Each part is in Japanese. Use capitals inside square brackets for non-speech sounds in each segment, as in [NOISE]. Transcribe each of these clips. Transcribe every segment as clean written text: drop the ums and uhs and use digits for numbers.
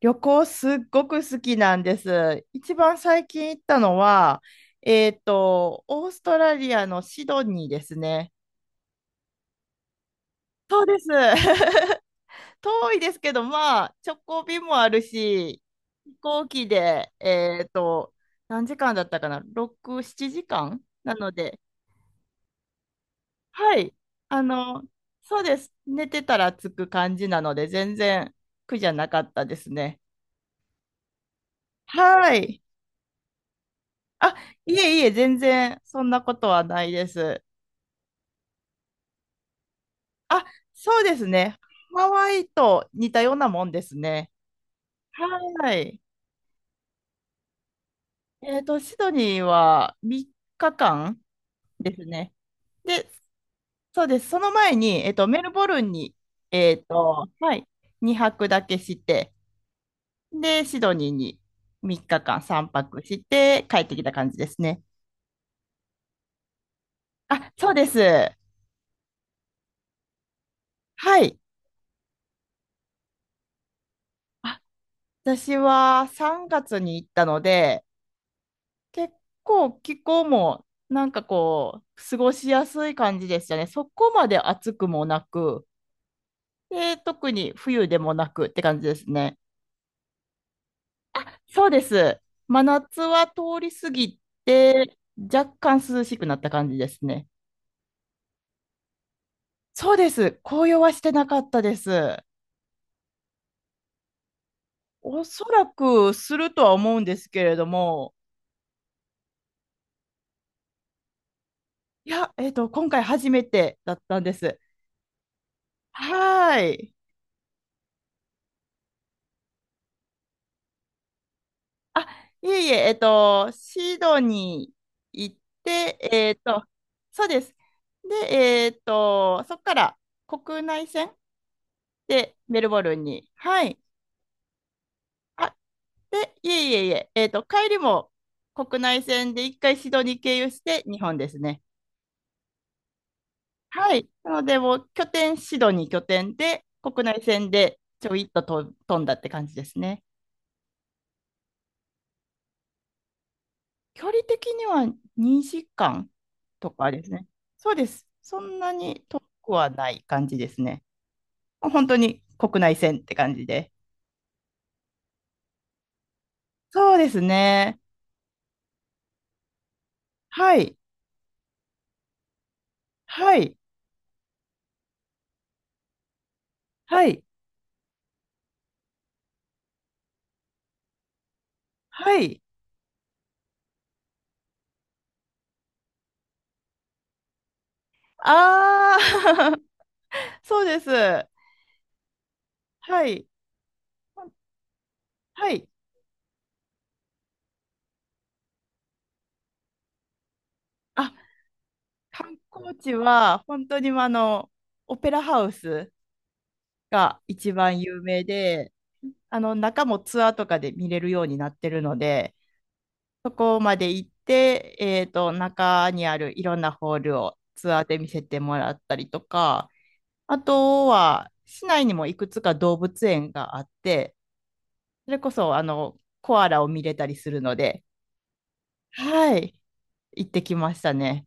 旅行すっごく好きなんです。一番最近行ったのは、オーストラリアのシドニーですね。そうです。[LAUGHS] 遠いですけど、まあ、直行便もあるし、飛行機で、何時間だったかな？ 6、7時間なので、はい。あの、そうです。寝てたら着く感じなので、全然苦じゃなかったですね。はい。あ、いえいえ、全然そんなことはないです。あ、そうですね。ハワイと似たようなもんですね。はい。シドニーは3日間ですね。で、そうです。その前に、メルボルンに、はい、2泊だけして、で、シドニーに3日間3泊して帰ってきた感じですね。あ、そうです。はい。あ、私は3月に行ったので、結構気候もなんかこう過ごしやすい感じでしたね。そこまで暑くもなく、で、特に冬でもなくって感じですね。そうです。真夏は通り過ぎて若干涼しくなった感じですね。そうです。紅葉はしてなかったです。おそらくするとは思うんですけれども、いや、今回初めてだったんです。はーい。あ、いえいえ、シドニー行って、そうです。で、そこから国内線でメルボルンに。はい。あ、で、いえいえいえ、帰りも国内線で一回シドニー経由して日本ですね。はい。なので、もう拠点、シドニー拠点で、国内線でちょいっとと飛んだって感じですね。距離的には2時間とかですね。そうです。そんなに遠くはない感じですね。もう本当に国内線って感じで。そうですね。はい。はい。はい。はい。ああ。 [LAUGHS] そうです。はい。はい。あ、観光地は本当にオペラハウスが一番有名で、あの中もツアーとかで見れるようになってるので、そこまで行って、中にあるいろんなホールをツアーで見せてもらったりとか、あとは市内にもいくつか動物園があって、それこそあのコアラを見れたりするので、はい、行ってきましたね。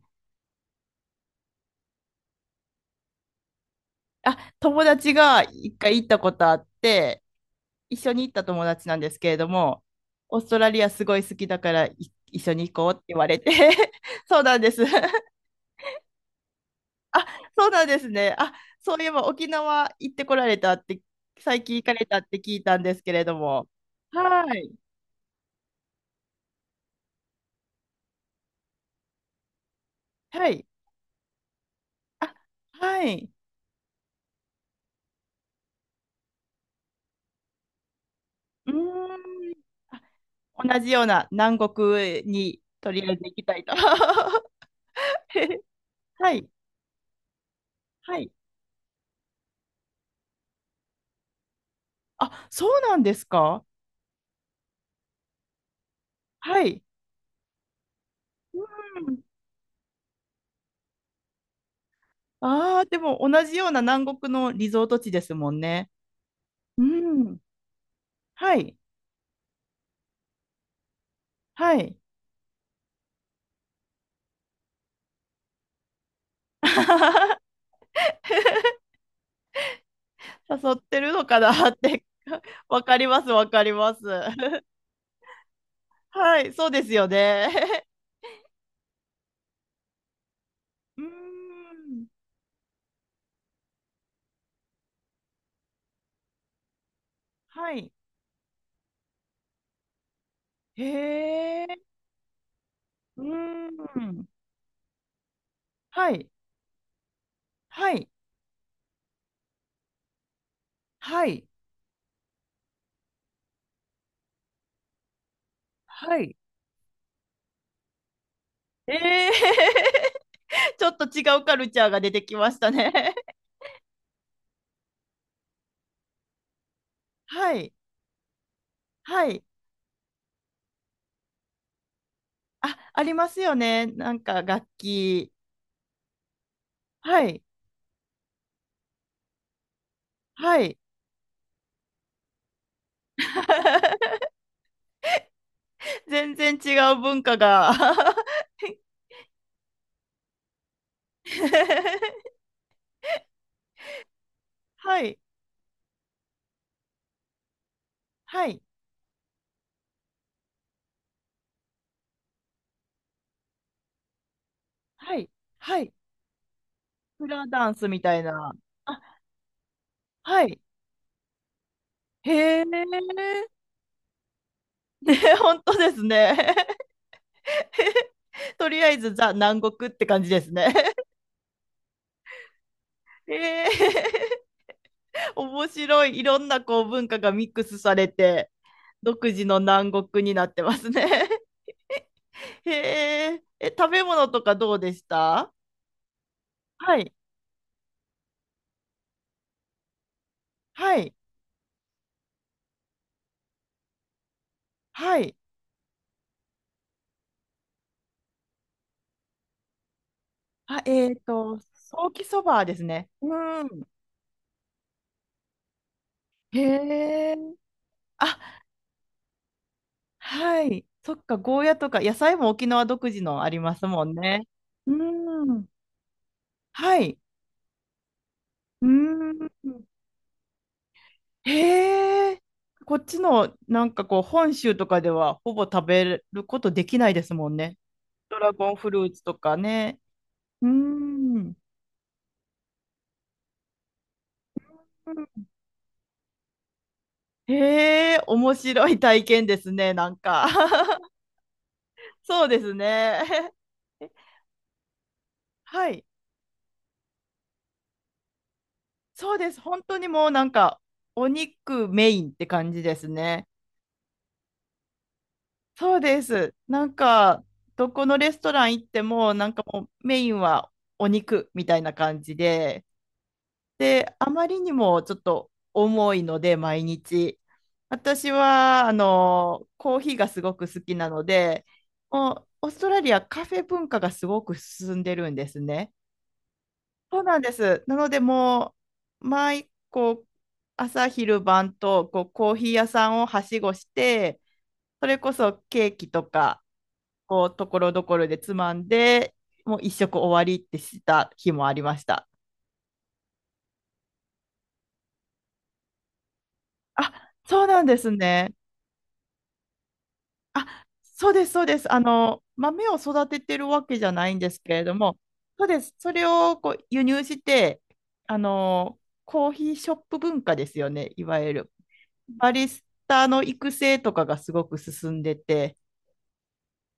あ、友達が一回行ったことあって、一緒に行った友達なんですけれども、オーストラリアすごい好きだからい一緒に行こうって言われて、[LAUGHS] そうなんです。あ、[LAUGHS] そうなんですね。あ、そういえば沖縄行ってこられたって、最近行かれたって聞いたんですけれども。はい。はい。あ、はい。うーん。あ、同じような南国にとりあえず行きたいと。[LAUGHS] はい。はい。あ、そうなんですか？はい。うん。ああ、でも同じような南国のリゾート地ですもんね。うん。はい。はい。[LAUGHS] 誘ってるのかなって、 [LAUGHS] わかります、わかります。[LAUGHS] はい、そうですよね。[LAUGHS] うーん。はい。へえ。うーん。はい。はい。はい。はい。ええ。 [LAUGHS] ちょっと違うカルチャーが出てきましたね。[LAUGHS] はい。はい。あ、ありますよね。なんか楽器。はい。はい。[LAUGHS] 全然違う文化が。[LAUGHS] はい。はい。はい。はい。フラダンスみたいな。あ、はい。へえ。[LAUGHS] ね、本当ですね。[LAUGHS] とりあえず、ザ・南国って感じですね。[LAUGHS] へえ。[LAUGHS] 面白い。いろんなこう文化がミックスされて、独自の南国になってますね。[LAUGHS] へえ。え、食べ物とかどうでした？はい。はい。はい。あ、ソーキそばですね。うん。へえ。あ、はい。そっか、ゴーヤとか、野菜も沖縄独自のありますもんね。うん。はい。うん。へえ。こっちの、なんかこう、本州とかでは、ほぼ食べることできないですもんね。ドラゴンフルーツとかね。うん。へえ、面白い体験ですね、なんか。[LAUGHS] そうですね。[LAUGHS] はい。そうです。本当にもうなんか、お肉メインって感じですね。そうです。なんか、どこのレストラン行っても、なんかもうメインはお肉みたいな感じで、で、あまりにもちょっと重いので、毎日。私は、コーヒーがすごく好きなので、もうオーストラリアカフェ文化がすごく進んでるんですね。そうなんです。なのでもう毎こう朝昼晩とこうコーヒー屋さんをはしごしてそれこそケーキとかこうところどころでつまんでもう一食終わりってした日もありました。あ、そうなんですね。あ、そうです、そうです。豆を育ててるわけじゃないんですけれども、そうです。それをこう輸入して、あの、コーヒーショップ文化ですよね、いわゆる。バリスタの育成とかがすごく進んでて、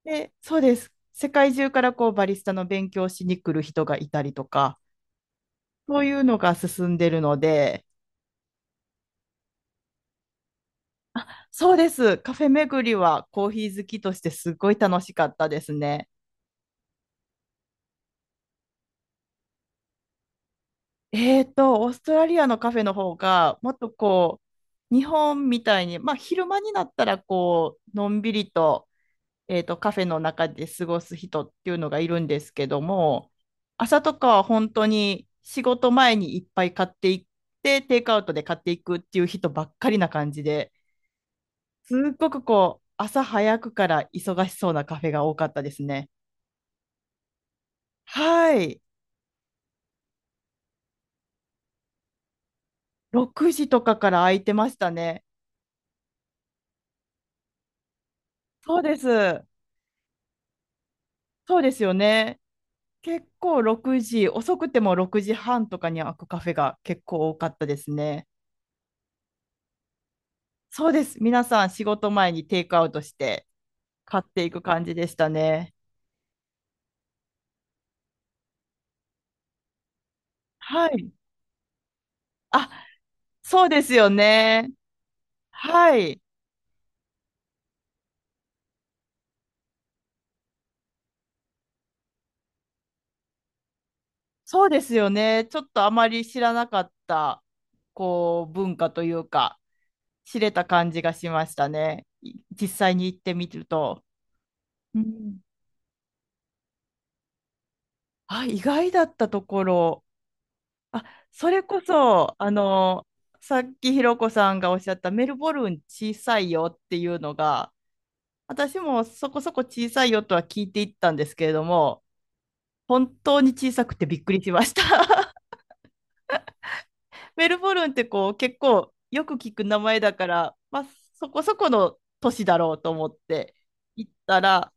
で、そうです。世界中からこうバリスタの勉強しに来る人がいたりとか、そういうのが進んでるので、そうです。カフェ巡りはコーヒー好きとしてすごい楽しかったですね。オーストラリアのカフェの方が、もっとこう、日本みたいに、まあ、昼間になったら、こう、のんびりと、カフェの中で過ごす人っていうのがいるんですけども、朝とかは本当に仕事前にいっぱい買っていって、テイクアウトで買っていくっていう人ばっかりな感じで、すっごくこう、朝早くから忙しそうなカフェが多かったですね。はい。6時とかから空いてましたね。そうです。そうですよね。結構6時、遅くても6時半とかに開くカフェが結構多かったですね。そうです。皆さん仕事前にテイクアウトして買っていく感じでしたね。はい。あ、そうですよね。はい。そうですよね。ちょっとあまり知らなかった、こう、文化というか、知れた感じがしましたね。い、実際に行ってみると。うん。あ、意外だったところ。あ、それこそ、さっきひろこさんがおっしゃったメルボルン小さいよっていうのが、私もそこそこ小さいよとは聞いていったんですけれども、本当に小さくてびっくりしました。[LAUGHS] メルボルンってこう結構よく聞く名前だから、まあ、そこそこの都市だろうと思って行ったら、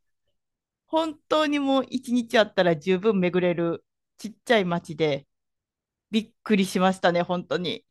本当にもう一日あったら十分巡れるちっちゃい街でびっくりしましたね、本当に。